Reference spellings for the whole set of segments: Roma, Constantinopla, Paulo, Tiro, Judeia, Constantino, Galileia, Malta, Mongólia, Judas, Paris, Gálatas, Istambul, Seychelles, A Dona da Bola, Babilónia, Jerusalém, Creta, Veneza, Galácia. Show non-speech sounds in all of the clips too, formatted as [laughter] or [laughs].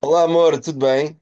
Olá, amor, tudo bem?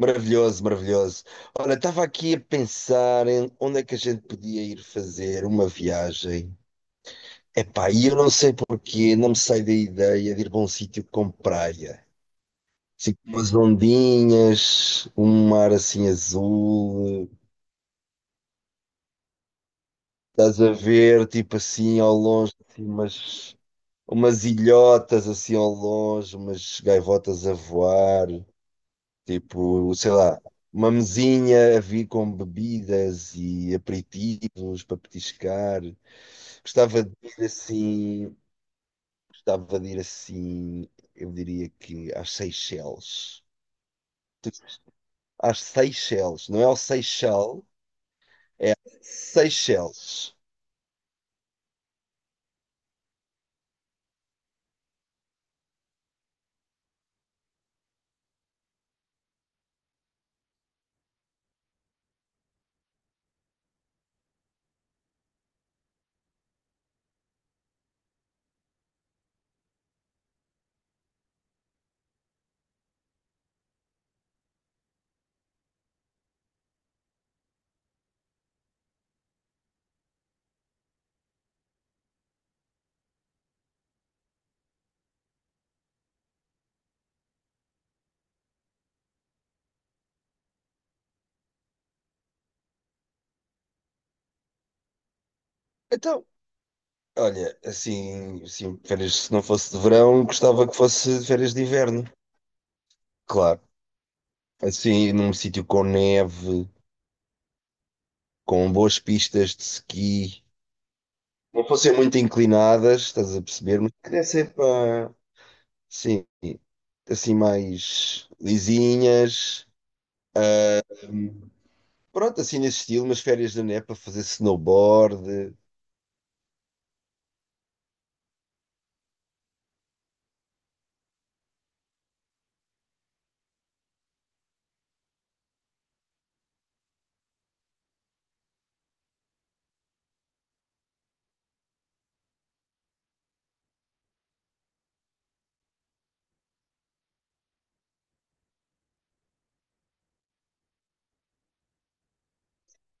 Maravilhoso, maravilhoso. Olha, estava aqui a pensar em onde é que a gente podia ir fazer uma viagem. Epá, e eu não sei porquê, não me sai da ideia de ir para um sítio com praia. Assim, com umas ondinhas, um mar assim azul, estás a ver, tipo assim, ao longe, assim, umas, umas ilhotas assim ao longe, umas gaivotas a voar. Tipo, sei lá, uma mesinha a vir com bebidas e aperitivos para petiscar. Gostava de ir assim, gostava de ir assim, eu diria que às Seychelles. Às Seychelles, não é ao Seychelles, Seychelles. Então, olha, assim, assim, férias, se não fosse de verão, gostava que fosse de férias de inverno, claro. Assim, num sítio com neve, com boas pistas de esqui não fossem muito inclinadas, estás a perceber? Mas queria ser para, sim, assim mais lisinhas. Pronto, assim nesse estilo, umas férias da neve para fazer snowboard.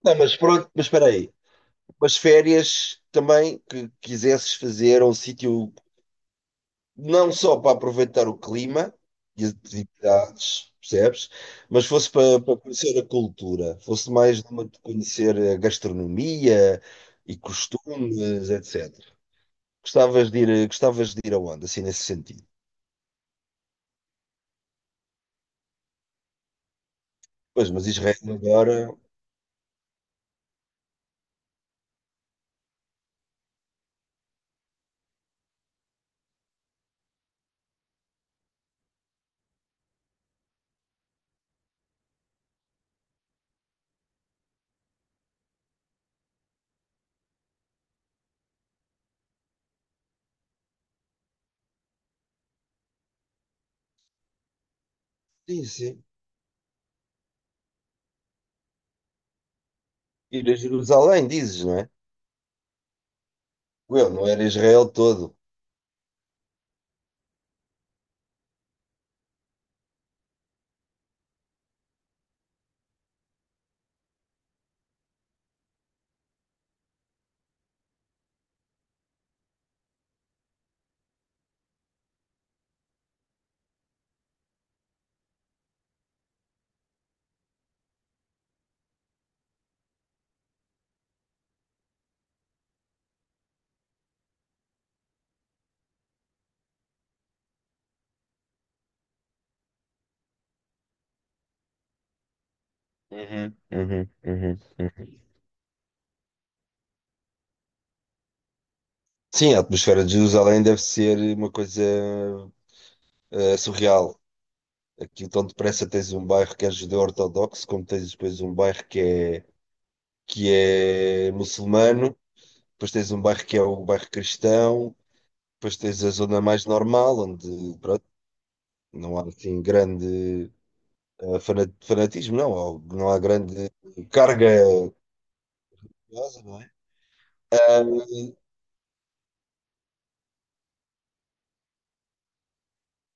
Não, mas pronto, mas espera aí. Umas férias também que quisesses fazer a um sítio não só para aproveitar o clima e as atividades, percebes? Mas fosse para, para conhecer a cultura, fosse mais numa de conhecer a gastronomia e costumes, etc. Gostavas de ir aonde, assim, nesse sentido? Pois, mas Israel agora. Sim, sim. Ir a Jerusalém, dizes, não é? Eu não era Israel todo. Uhum, uhum, uhum, uhum. Sim, a atmosfera de Jerusalém deve ser uma coisa surreal. Aqui tão depressa tens um bairro que é judeu ortodoxo, como tens depois um bairro que é muçulmano, depois tens um bairro que é o bairro cristão, depois tens a zona mais normal, onde pronto, não há assim grande. Fanatismo, não, ou não há grande carga religiosa, não é?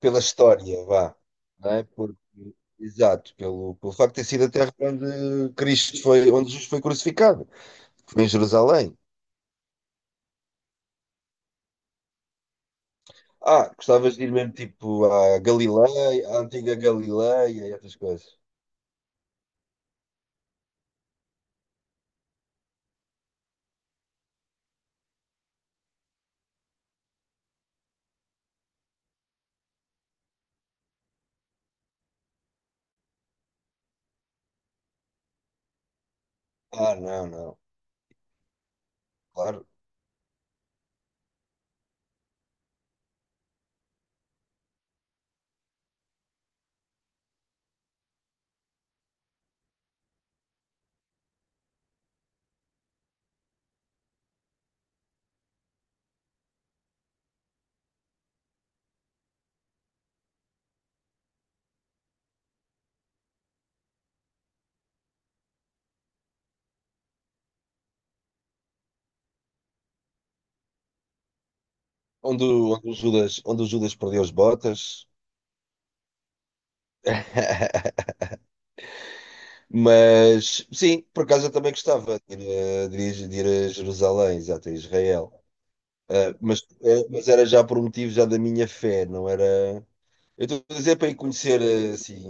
Pela história, vá, não é? Porque, exato, pelo, pelo facto de ter sido a terra onde Cristo foi, onde Jesus foi crucificado, foi em Jerusalém. Ah, gostavas de ir mesmo tipo à Galileia, à antiga Galileia e outras coisas. Ah, não, não, claro. Onde, onde o Judas perdeu as botas. [laughs] Mas sim, por acaso eu também gostava de ir, de ir a Jerusalém, exato, a Israel. Ah, mas, mas era já por um motivo já da minha fé, não era. Eu estou a dizer para ir conhecer assim,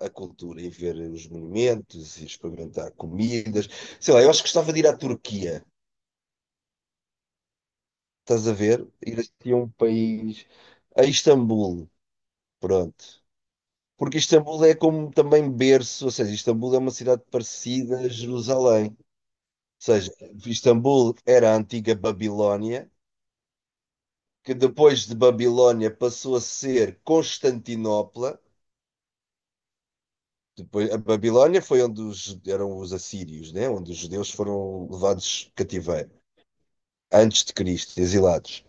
a cultura e ver os monumentos e experimentar comidas. Sei lá, eu acho que gostava de ir à Turquia, estás a ver? Ir assim a um país, a Istambul, pronto. Porque Istambul é como também berço, ou seja, Istambul é uma cidade parecida a Jerusalém. Seja, Istambul era a antiga Babilónia, que depois de Babilónia passou a ser Constantinopla. Depois, a Babilónia foi onde os, eram os assírios, né? Onde os judeus foram levados cativeiro, antes de Cristo, exilados.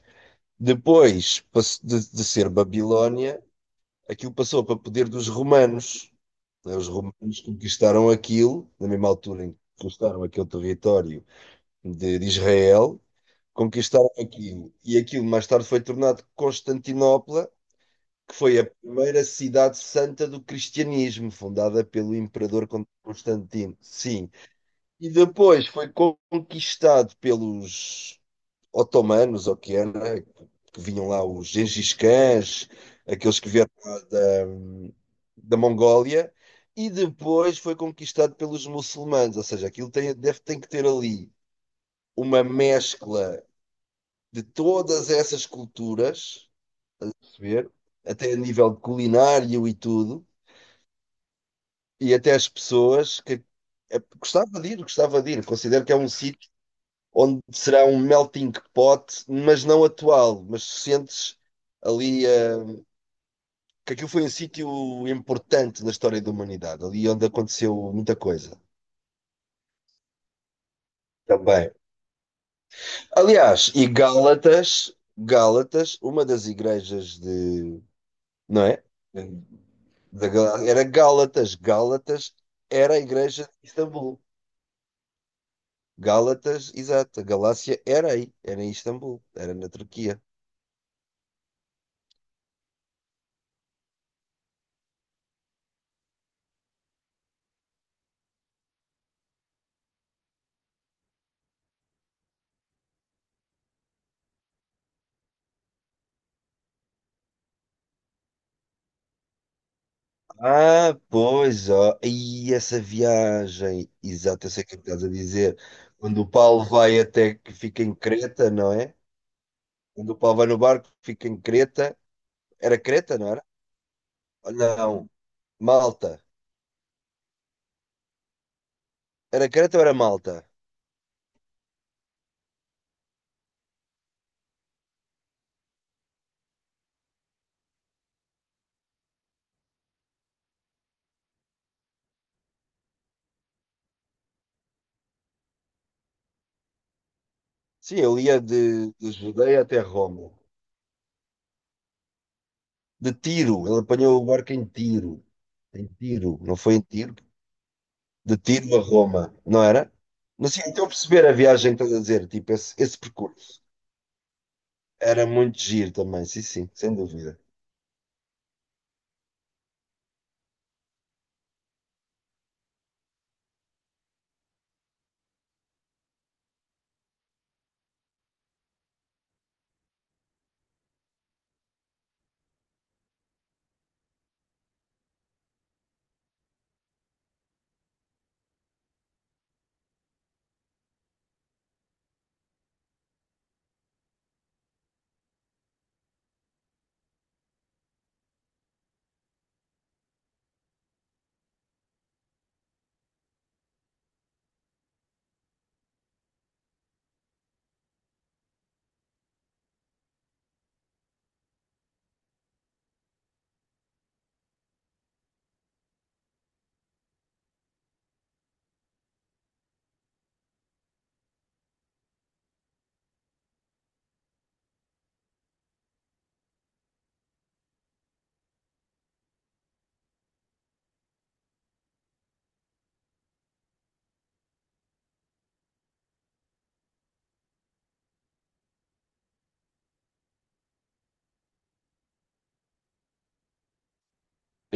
Depois de ser Babilónia, aquilo passou para poder dos romanos. Né? Os romanos conquistaram aquilo, na mesma altura em que conquistaram aquele território de Israel. Conquistaram aquilo. E aquilo mais tarde foi tornado Constantinopla, que foi a primeira cidade santa do cristianismo, fundada pelo imperador Constantino. Sim. E depois foi conquistado pelos otomanos, ou que era, que vinham lá os Gengis Khans, aqueles que vieram lá da, da Mongólia, e depois foi conquistado pelos muçulmanos, ou seja, aquilo tem, deve, tem que ter ali uma mescla de todas essas culturas, perceber? Até a nível de culinário e tudo, e até as pessoas que é, gostava de ir, gostava de ir. Considero que é um sítio onde será um melting pot, mas não atual, mas sentes ali que aquilo foi um sítio importante na história da humanidade, ali onde aconteceu muita coisa também. Aliás, e Gálatas, Gálatas, uma das igrejas de, não é? Era Gálatas. Gálatas era a igreja de Istambul. Gálatas, exato. A Galácia era aí, era em Istambul, era na Turquia. Ah, pois, ó. E essa viagem, exato, eu sei o que é que estás a dizer. Quando o Paulo vai até que fica em Creta, não é? Quando o Paulo vai no barco, fica em Creta. Era Creta, não era? Não, Malta. Era Creta ou era Malta? Sim, ele ia de Judeia até Roma. De tiro, ele apanhou o barco em tiro. Em tiro, não foi em tiro? De tiro a Roma, não era? Mas sim, então perceber a viagem que estás a dizer, tipo, esse percurso. Era muito giro também, sim, sim, sem dúvida.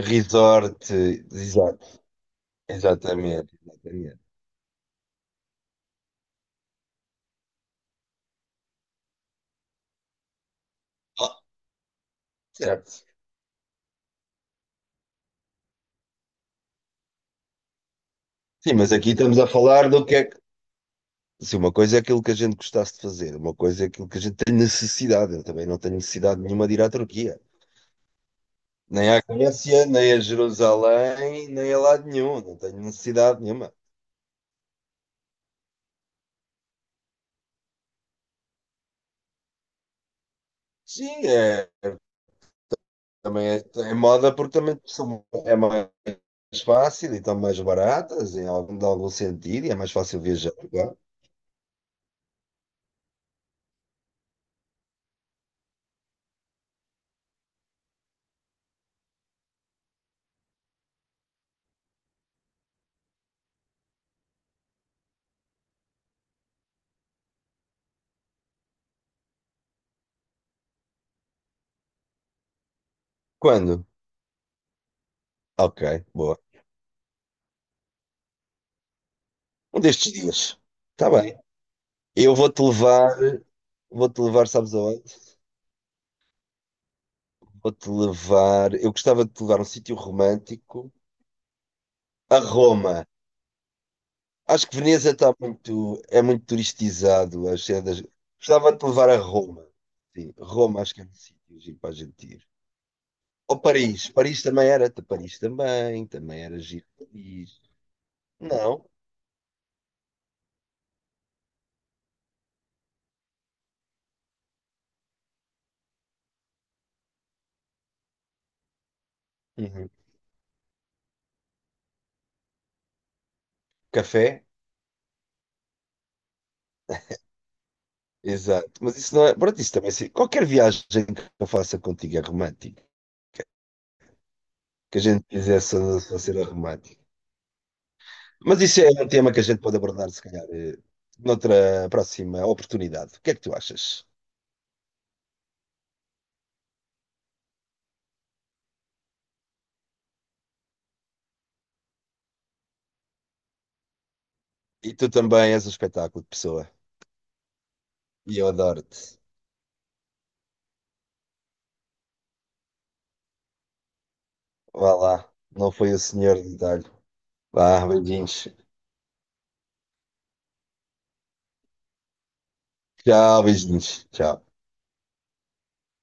Resort, exato, exatamente, exatamente. Ah, certo. Sim, mas aqui estamos a falar do que é que. Sim, uma coisa é aquilo que a gente gostasse de fazer, uma coisa é aquilo que a gente tem necessidade. Eu também não tenho necessidade nenhuma de ir à Turquia. Nem à Grécia, nem a Jerusalém, nem a lado nenhum. Não tenho necessidade nenhuma. Sim, é, também é, é moda porque também é mais fácil e estão mais baratas em algum, de algum sentido e é mais fácil viajar. Claro. Quando? Ok, boa. Um destes dias. Está bem. Eu vou-te levar, sabes aonde? Vou-te levar. Eu gostava de te levar a um sítio romântico, a Roma. Acho que Veneza está muito, é muito turistizado. Acho que é das... Gostava de te levar a Roma. Sim, Roma acho que é um sítio giro para a gente ir. Ou Paris. Paris também era. Paris também. Também era giro. Paris. Não. Uhum. Café. Exato. Mas isso não é. Pronto, isso também. Qualquer viagem que eu faça contigo é romântica. Que a gente fizesse a ser romântico. Mas isso é um tema que a gente pode abordar, se calhar, noutra próxima oportunidade. O que é que tu achas? E tu também és um espetáculo de pessoa. E eu adoro-te. Vá lá. Não foi o senhor de detalhe. Vá, beijinhos. Tchau, beijinhos. Tchau.